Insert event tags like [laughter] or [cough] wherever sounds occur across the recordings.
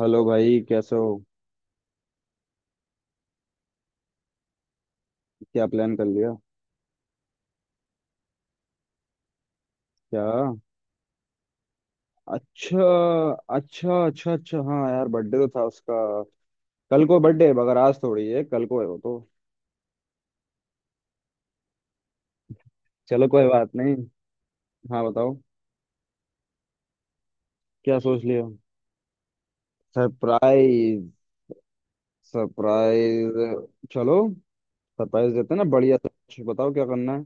Hello भाई, कैसे हो। क्या प्लान कर लिया। क्या। अच्छा अच्छा अच्छा अच्छा, हाँ यार बर्थडे तो था उसका। कल को बर्थडे है मगर आज थोड़ी है, कल को है वो तो। चलो कोई बात नहीं। हाँ बताओ। क्या सोच लिया। सरप्राइज। सरप्राइज। चलो सरप्राइज देते हैं ना बढ़िया सा। कुछ बताओ क्या करना है।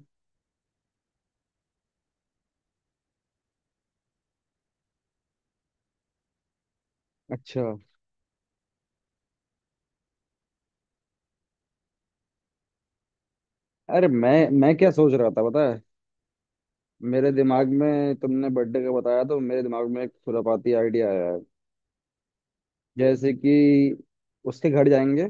अच्छा। अरे मैं क्या सोच रहा था पता है। मेरे दिमाग में तुमने बर्थडे का बताया तो मेरे दिमाग में एक खुरापाती आइडिया आया है। जैसे कि उसके घर जाएंगे।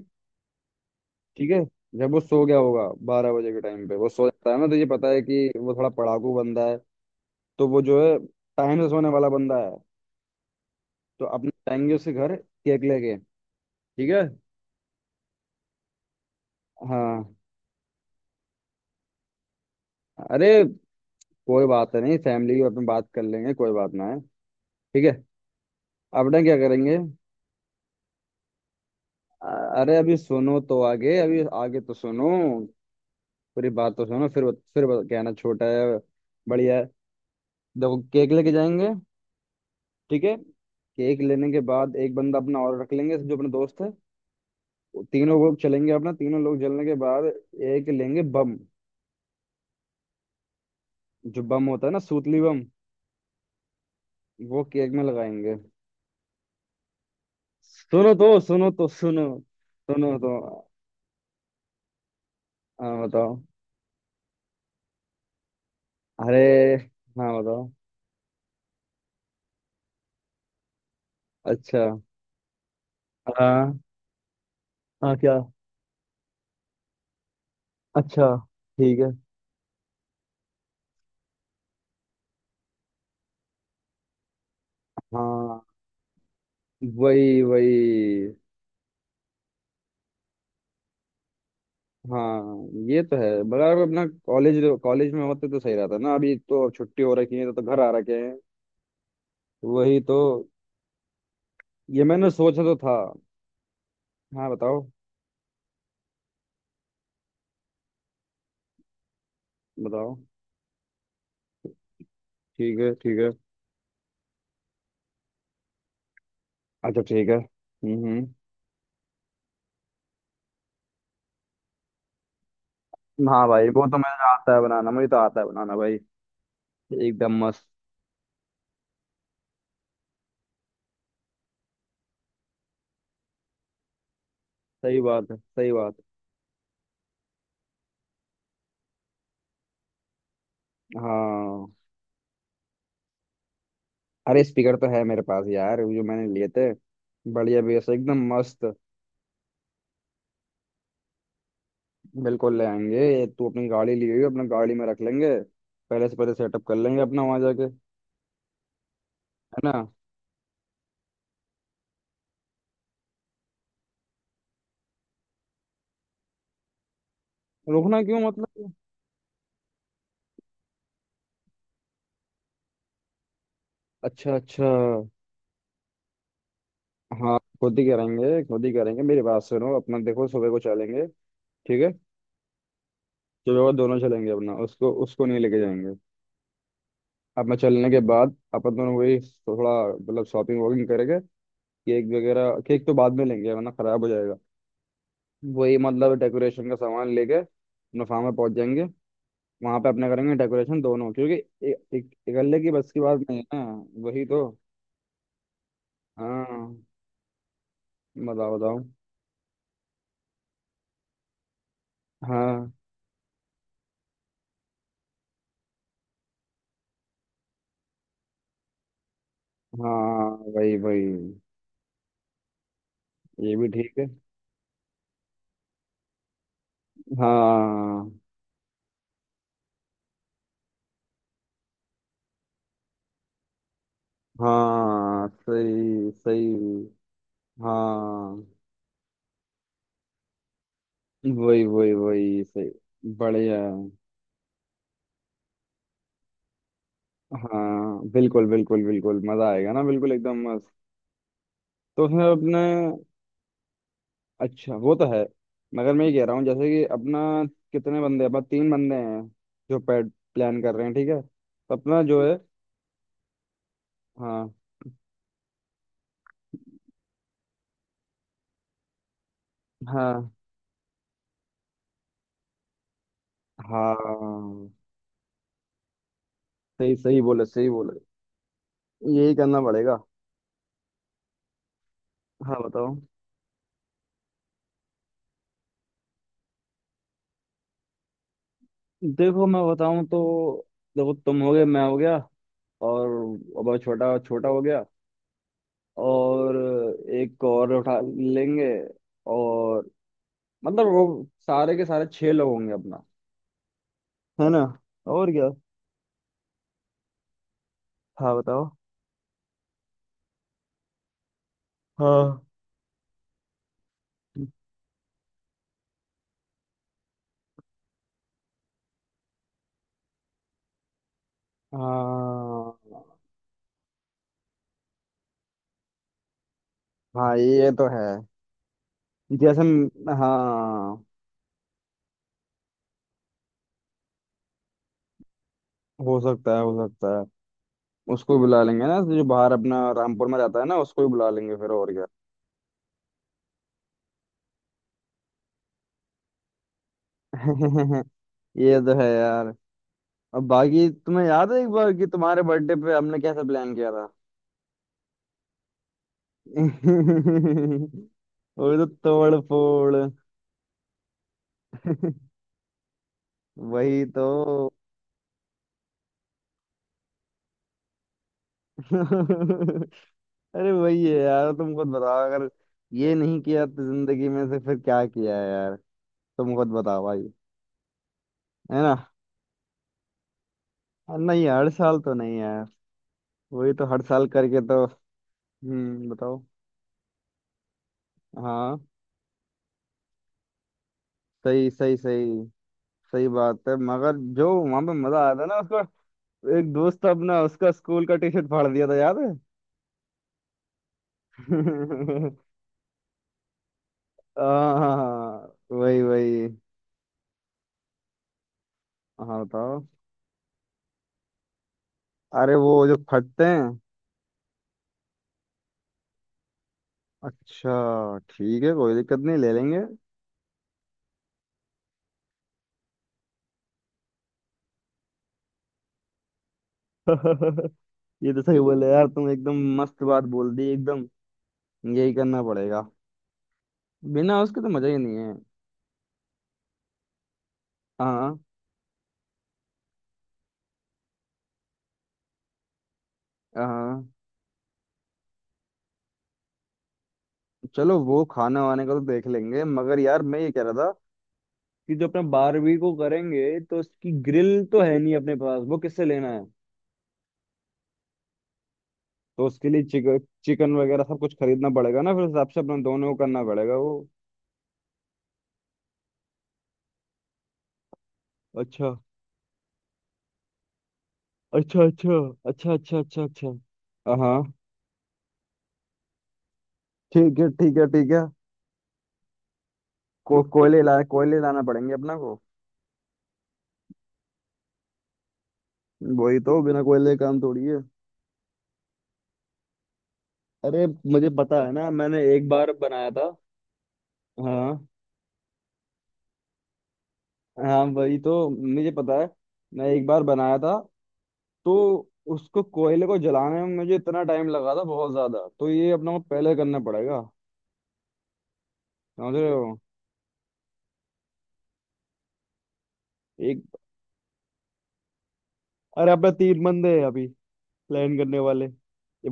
ठीक है। जब वो सो गया होगा 12 बजे के टाइम पे, वो सो जाता है ना तो ये पता है कि वो थोड़ा पढ़ाकू बंदा है। तो वो जो है, टाइम से सोने वाला बंदा है। तो अपने जाएंगे उसके घर केक लेके। ठीक है। हाँ। अरे कोई बात नहीं, फैमिली की अपने बात कर लेंगे, कोई बात ना है। ठीक है। अपने क्या करेंगे। अ- अरे अभी सुनो तो आगे, अभी आगे तो सुनो। पूरी बात तो सुनो फिर कहना छोटा है। बढ़िया है। देखो केक लेके जाएंगे। ठीक है। केक लेने के बाद एक बंदा अपना और रख लेंगे जो अपने दोस्त है। तीनों लोग चलेंगे अपना, तीनों लोग जलने के बाद एक लेंगे बम। जो बम होता है ना, सूतली बम। वो केक में लगाएंगे। सुनो तो सुनो तो सुनो। सुनो तो। हाँ बताओ। अरे हाँ बताओ। अच्छा। हाँ हाँ क्या। अच्छा ठीक है हाँ वही वही। हाँ ये तो है बराबर। अपना कॉलेज, कॉलेज में होते तो सही रहता ना। अभी तो छुट्टी हो रखी है तो घर आ रखे हैं। वही तो। ये मैंने सोचा तो था। हाँ बताओ बताओ। ठीक है ठीक है। अच्छा ठीक है हम्म। हाँ भाई वो तो मुझे आता है बनाना, मुझे तो आता है बनाना भाई। एकदम मस्त। सही बात है सही बात। है। हाँ। अरे स्पीकर तो है मेरे पास यार, वो जो मैंने लिए थे। बढ़िया बेस एकदम मस्त। बिल्कुल ले आएंगे, ये तू अपनी गाड़ी लिए हुई, अपना गाड़ी में रख लेंगे। पहले से पहले सेटअप कर लेंगे अपना वहां जाके, है ना। रुकना क्यों मतलब। अच्छा अच्छा। हाँ खुद ही करेंगे खुद ही करेंगे, मेरी बात सुनो अपना, देखो सुबह को चलेंगे। ठीक है। चलो वो दोनों चलेंगे अपना, उसको उसको नहीं लेके जाएंगे। अपना चलने के बाद अपन दोनों वही थोड़ा, मतलब शॉपिंग वॉकिंग करेंगे। केक वगैरह, केक तो बाद में लेंगे वरना खराब हो जाएगा। वही मतलब डेकोरेशन का सामान लेके अपना फार्म में पहुंच जाएंगे। वहां पे अपने करेंगे डेकोरेशन दोनों, क्योंकि एक इकल्ले की बस की बात नहीं है ना। वही तो। हाँ बताओ बताओ। हाँ हाँ वही वही। ये भी ठीक है। हाँ। हाँ सही सही। हाँ वही वही वही सही। बढ़िया। हाँ बिल्कुल बिल्कुल बिल्कुल मजा आएगा ना, बिल्कुल एकदम मस्त। तो उसमें अपने, अच्छा वो तो है। मगर मैं ये कह रहा हूँ जैसे कि अपना कितने बंदे, अपना तीन बंदे हैं जो पैड प्लान कर रहे हैं, ठीक है तो अपना जो है। हाँ हाँ हाँ सही सही बोले सही बोले। यही करना पड़ेगा। हाँ बताओ। देखो मैं बताऊं तो, देखो तुम हो गए, मैं हो गया, और अब छोटा, छोटा हो गया, और एक और उठा लेंगे, और मतलब वो सारे के सारे छह लोग होंगे अपना, है ना। और क्या। हाँ बताओ। हाँ हाँ हाँ ये तो है। जैसे हम-, हाँ हो सकता है हो सकता है। उसको भी बुला लेंगे ना जो बाहर अपना रामपुर में रहता है ना, उसको भी बुला लेंगे फिर, और क्या। [laughs] ये तो है यार। अब बाकी तुम्हें याद है एक बार कि तुम्हारे बर्थडे पे हमने कैसा प्लान किया था। [laughs] वो तो तोड़ फोड़। वही तो। [laughs] अरे वही है यार, तुम खुद बताओ, अगर ये नहीं किया तो जिंदगी में से फिर क्या किया है यार। तुम खुद बताओ भाई। है ना। अ, नहीं हर साल तो नहीं यार। वही तो हर साल करके तो। बताओ। हाँ। सही सही सही। सही बात है मगर जो वहां पे मजा आया था ना उसका। एक दोस्त अपना उसका स्कूल का टी शर्ट फाड़ दिया था, याद है। [laughs] हाँ हाँ, वही वही। हाँ बताओ। अरे वो जो फटते हैं। अच्छा ठीक है कोई दिक्कत नहीं, ले लेंगे। [laughs] ये तो सही बोले यार तुम, एकदम मस्त बात बोल दी एकदम। यही करना पड़ेगा। बिना उसके तो मजा ही नहीं है। हाँ। हाँ चलो वो खाना वाने का तो देख लेंगे, मगर यार मैं ये कह रहा था कि जो अपने 12वीं को करेंगे तो उसकी ग्रिल तो है नहीं अपने पास, वो किससे लेना है। तो उसके लिए चिकन, चिकन वगैरह सब कुछ खरीदना पड़ेगा ना, फिर उस हिसाब से अपना दोनों को करना पड़ेगा वो। अच्छा अच्छा अच्छा अच्छा अच्छा अच्छा अच्छा हाँ। ठीक है ठीक है ठीक है। कोयले ला कोयले लाना पड़ेंगे अपना को। वही तो, बिना कोयले के काम थोड़ी है। अरे मुझे पता है ना, मैंने एक बार बनाया था। हाँ हाँ वही तो मुझे पता है। मैं एक बार बनाया था तो, उसको कोयले को जलाने में मुझे इतना टाइम लगा था बहुत ज्यादा, तो ये अपना को पहले करना पड़ेगा। समझ रहे हो। एक, अरे अपना तीन बंदे हैं अभी प्लान करने वाले।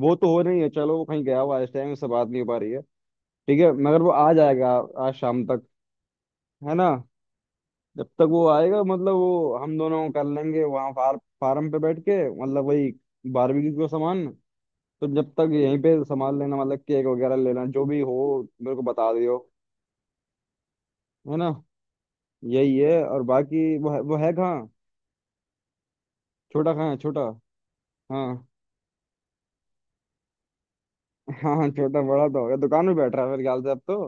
वो तो हो नहीं है, चलो वो कहीं गया हुआ है इस टाइम से बात नहीं हो पा रही है। ठीक है मगर वो आ जाएगा आज शाम तक, है ना। जब तक वो आएगा मतलब वो हम दोनों कर लेंगे वहाँ फार्म पे बैठ के, मतलब वही बारबेक्यू का सामान। तो जब तक यहीं पे संभाल लेना, मतलब केक वगैरह लेना जो भी हो, मेरे को बता दियो। है ना। यही है और बाकी वो है कहाँ। छोटा कहाँ है छोटा। हाँ हाँ हाँ छोटा बड़ा तो हो गया, दुकान में बैठ रहा है मेरे ख्याल से अब तो।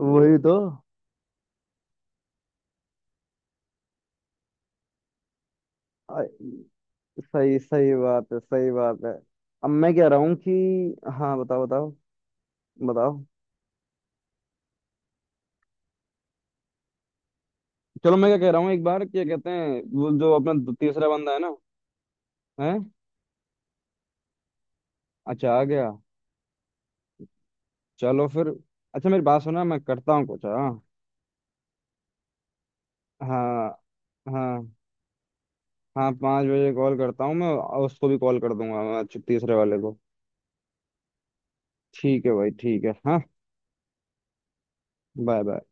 वही तो। आ, सही सही बात है सही बात है। अब मैं कह रहा हूँ कि। हाँ बताओ बताओ बताओ। चलो मैं क्या कह रहा हूँ, एक बार क्या कहते हैं वो जो अपना तीसरा बंदा है ना। है। अच्छा आ गया। चलो फिर। अच्छा मेरी बात सुना, मैं करता हूँ कुछ। हाँ। हाँ। हाँ। हाँ 5 बजे कॉल करता हूँ मैं, और उसको भी कॉल कर दूंगा मैं, अच्छा, तीसरे वाले को। ठीक है भाई ठीक है हाँ। Bye bye.